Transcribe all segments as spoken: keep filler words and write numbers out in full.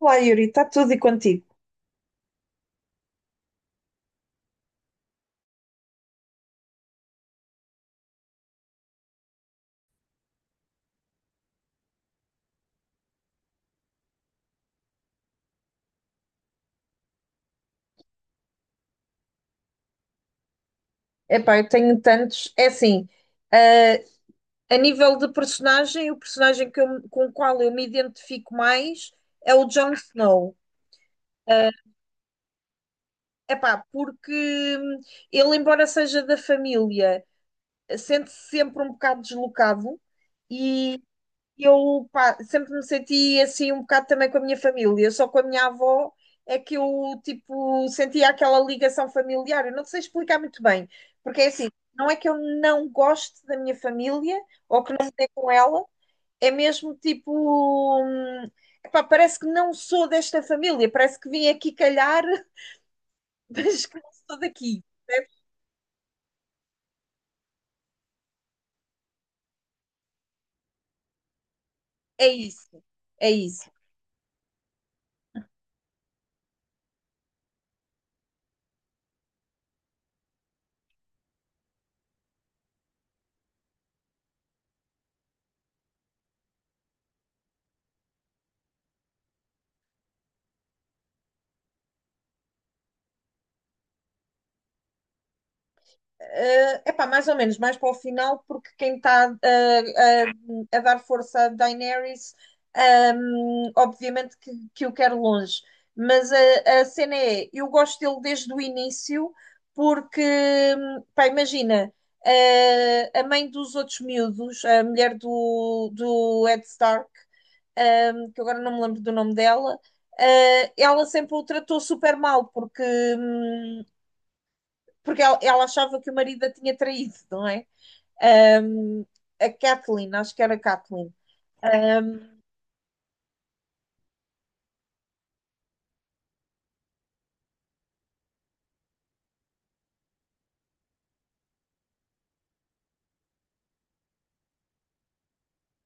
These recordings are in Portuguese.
Olá, Yuri, está tudo e contigo? Epá, eu tenho tantos. É assim, eh, a nível de personagem, o personagem que eu- com o qual eu me identifico mais é o Jon Snow. Ah, Epá, porque hum, ele, embora seja da família, sente-se sempre um bocado deslocado. Eu pá, sempre me senti assim um bocado também com a minha família, só com a minha avó é que eu tipo sentia aquela ligação familiar. Eu não sei explicar muito bem, porque é assim, não é que eu não goste da minha família ou que não me dê com ela, é mesmo tipo, hum, epá, parece que não sou desta família, parece que vim aqui calhar, mas que não sou daqui. É isso, é isso. É epá, mais ou menos, mais para o final, porque quem está a, a, a dar força a Daenerys, um, obviamente que, que o quer longe. Mas a, a cena é, eu gosto dele desde o início, porque, pá, imagina, eh, a mãe dos outros miúdos, a mulher do, do Ed Stark, ehm, que agora não me lembro do nome dela. eh, ela sempre o tratou super mal, porque hum, porque ela, ela achava que o marido a tinha traído, não é? Um, a Kathleen, acho que era a Kathleen. Um,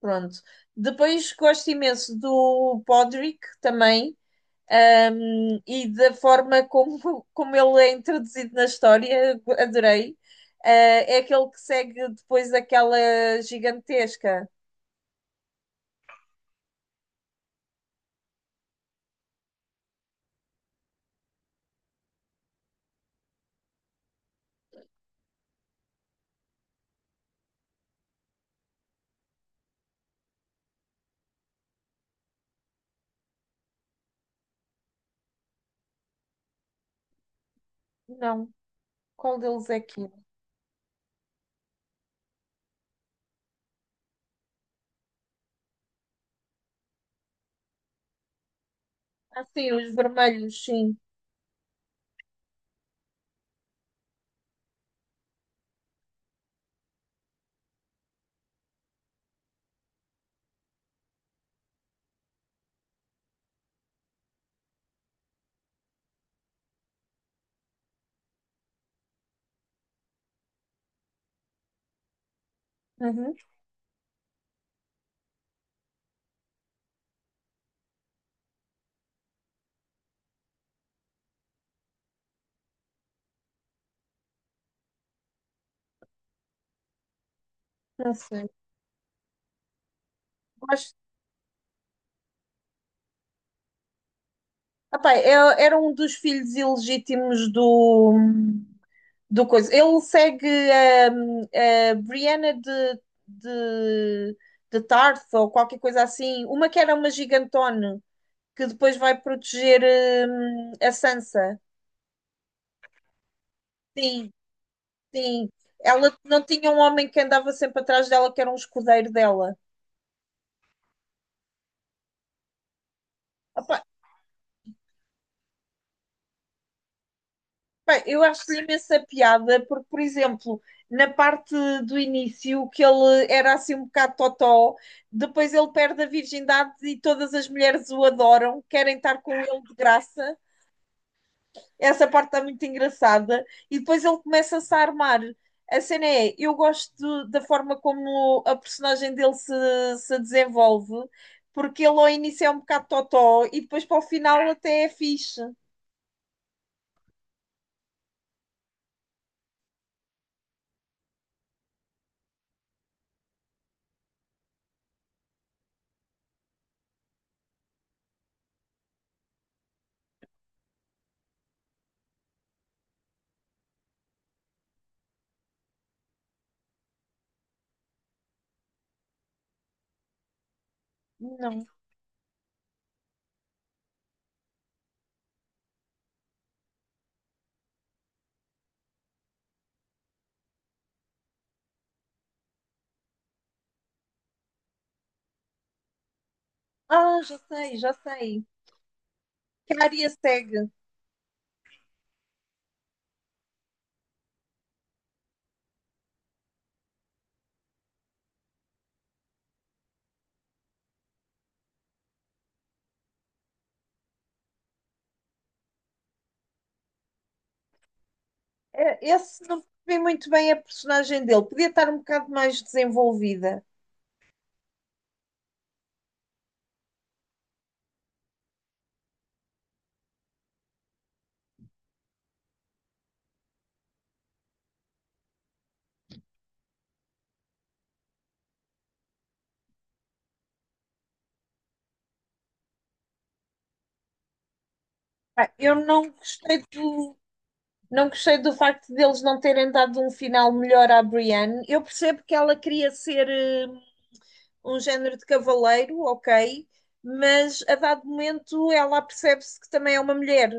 pronto. Depois gosto imenso do Podrick também. Um, e da forma como, como ele é introduzido na história, adorei. Uh, é aquele que segue depois aquela gigantesca. Não, qual deles é que é? Ah, sim, os vermelhos, sim. Uhum, não sei. Gosto. Epá, eu- era um dos filhos ilegítimos do, do coisa. Ele segue hum, a Brianna de, de, de Tarth ou qualquer coisa assim. Uma que era uma gigantona que depois vai proteger, hum, a Sansa. Sim, sim. Ela não tinha um homem que andava sempre atrás dela, que era um escudeiro dela. Bem, eu acho imensa piada, porque, por exemplo, na parte do início, que ele era assim um bocado totó, depois ele perde a virgindade e todas as mulheres o adoram, querem estar com ele de graça. Essa parte está muito engraçada. E depois ele começa-se a armar. A cena é, eu gosto da forma como a personagem dele se, se desenvolve, porque ele ao início é um bocado totó e depois para o final até é fixe. Não. Ah, já sei, já sei. Que a área segue. É, esse não percebi muito bem a personagem dele. Podia estar um bocado mais desenvolvida. Pá, eu não gostei do. Não gostei do facto deles não terem dado um final melhor à Brienne. Eu percebo que ela queria ser, eh, um género de cavaleiro, ok, mas a dado momento ela percebe-se que também é uma mulher.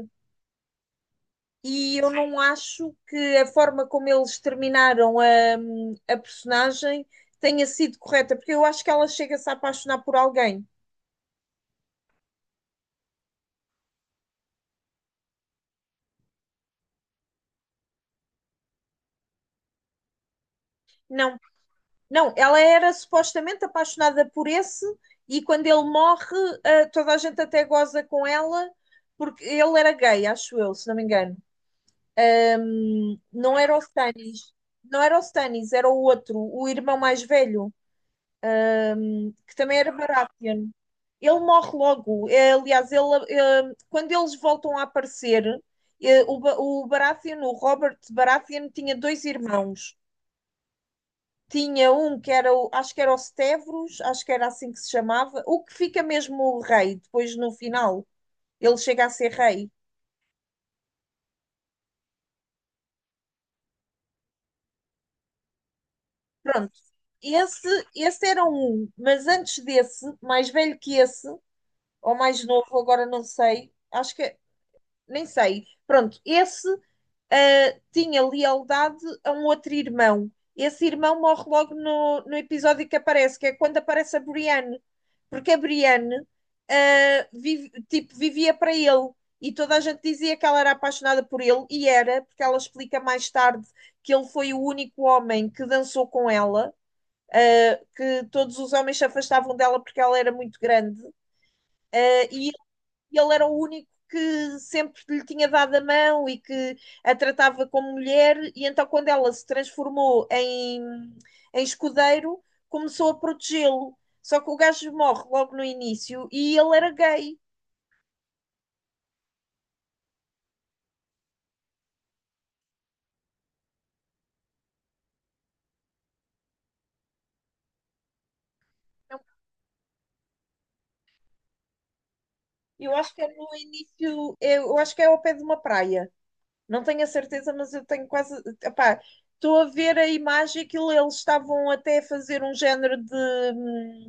E eu não acho que a forma como eles terminaram a, a personagem tenha sido correta, porque eu acho que ela chega-se a apaixonar por alguém. Não, não, ela era supostamente apaixonada por esse, e quando ele morre, ah, toda a gente até goza com ela, porque ele era gay, acho eu, se não me engano. Ahm, não era o Stannis, não era o Stannis, era o outro, o irmão mais velho, ahm, que também era Baratheon. Ele morre logo. Eh, Aliás, ele, eh, quando eles voltam a aparecer, eh, o, Ba- o Baratheon, o Robert Baratheon, tinha dois irmãos. Tinha um que era o, acho que era os Tevros, acho que era assim que se chamava, o que fica mesmo o rei, depois no final, ele chega a ser rei. Pronto, esse, esse era um, mas antes desse, mais velho que esse, ou mais novo, agora não sei, acho que nem sei. Pronto, esse ah, tinha lealdade a um outro irmão. Esse irmão morre logo no, no episódio que aparece, que é quando aparece a Brienne. Porque a Brienne, ah, vive- tipo, vivia para ele. E toda a gente dizia que ela era apaixonada por ele, e era, porque ela explica mais tarde que ele foi o único homem que dançou com ela, ah, que todos os homens se afastavam dela porque ela era muito grande, ah, e e ele era o único que sempre lhe tinha dado a mão e que a tratava como mulher, e então quando ela se transformou em, em escudeiro, começou a protegê-lo. Só que o gajo morre logo no início e ele era gay. Eu acho que é no início, eu acho que é ao pé de uma praia. Não tenho a certeza, mas eu tenho quase. Epá, estou a ver a imagem que eles estavam até a fazer um género de hum,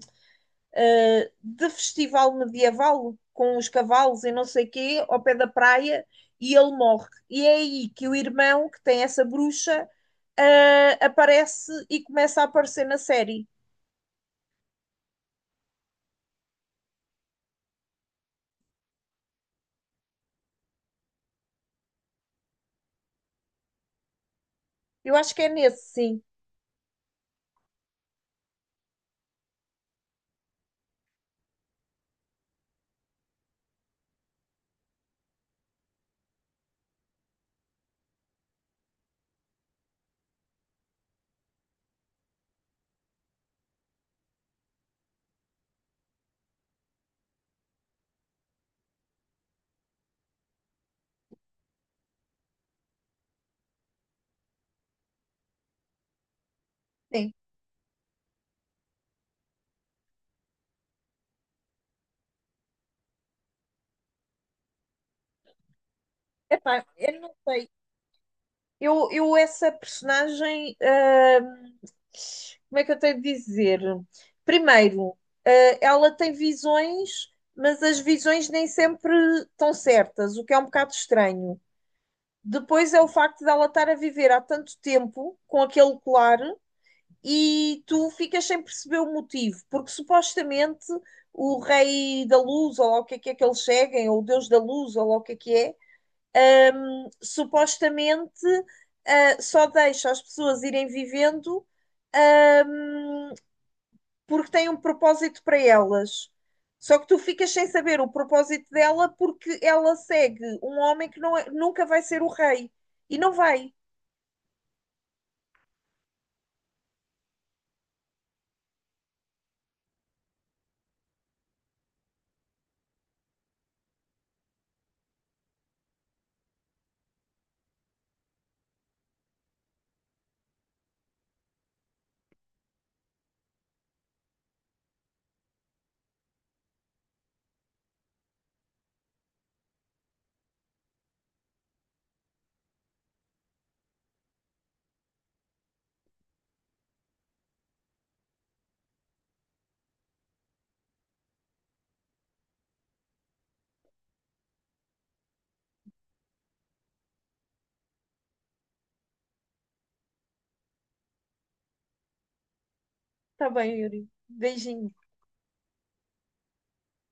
uh, de festival medieval com os cavalos e não sei quê, ao pé da praia, e ele morre. E é aí que o irmão, que tem essa bruxa, uh, aparece e começa a aparecer na série. Eu acho que é nesse, sim. Sim. Epá, eu não sei. Eu, eu essa personagem, uh, como é que eu tenho de dizer? Primeiro, uh, ela tem visões, mas as visões nem sempre estão certas, o que é um bocado estranho. Depois é o facto dela estar a viver há tanto tempo com aquele colar e tu ficas sem perceber o motivo, porque supostamente o rei da luz, ou lá o que é que é que eles seguem, ou o deus da luz, ou lá o que é que é, hum, supostamente ah, só deixa as pessoas irem vivendo, hum, porque tem um propósito para elas. Só que tu ficas sem saber o propósito dela porque ela segue um homem que não é- nunca vai ser o rei. E não vai. Tá bom, Yuri. Beijinho.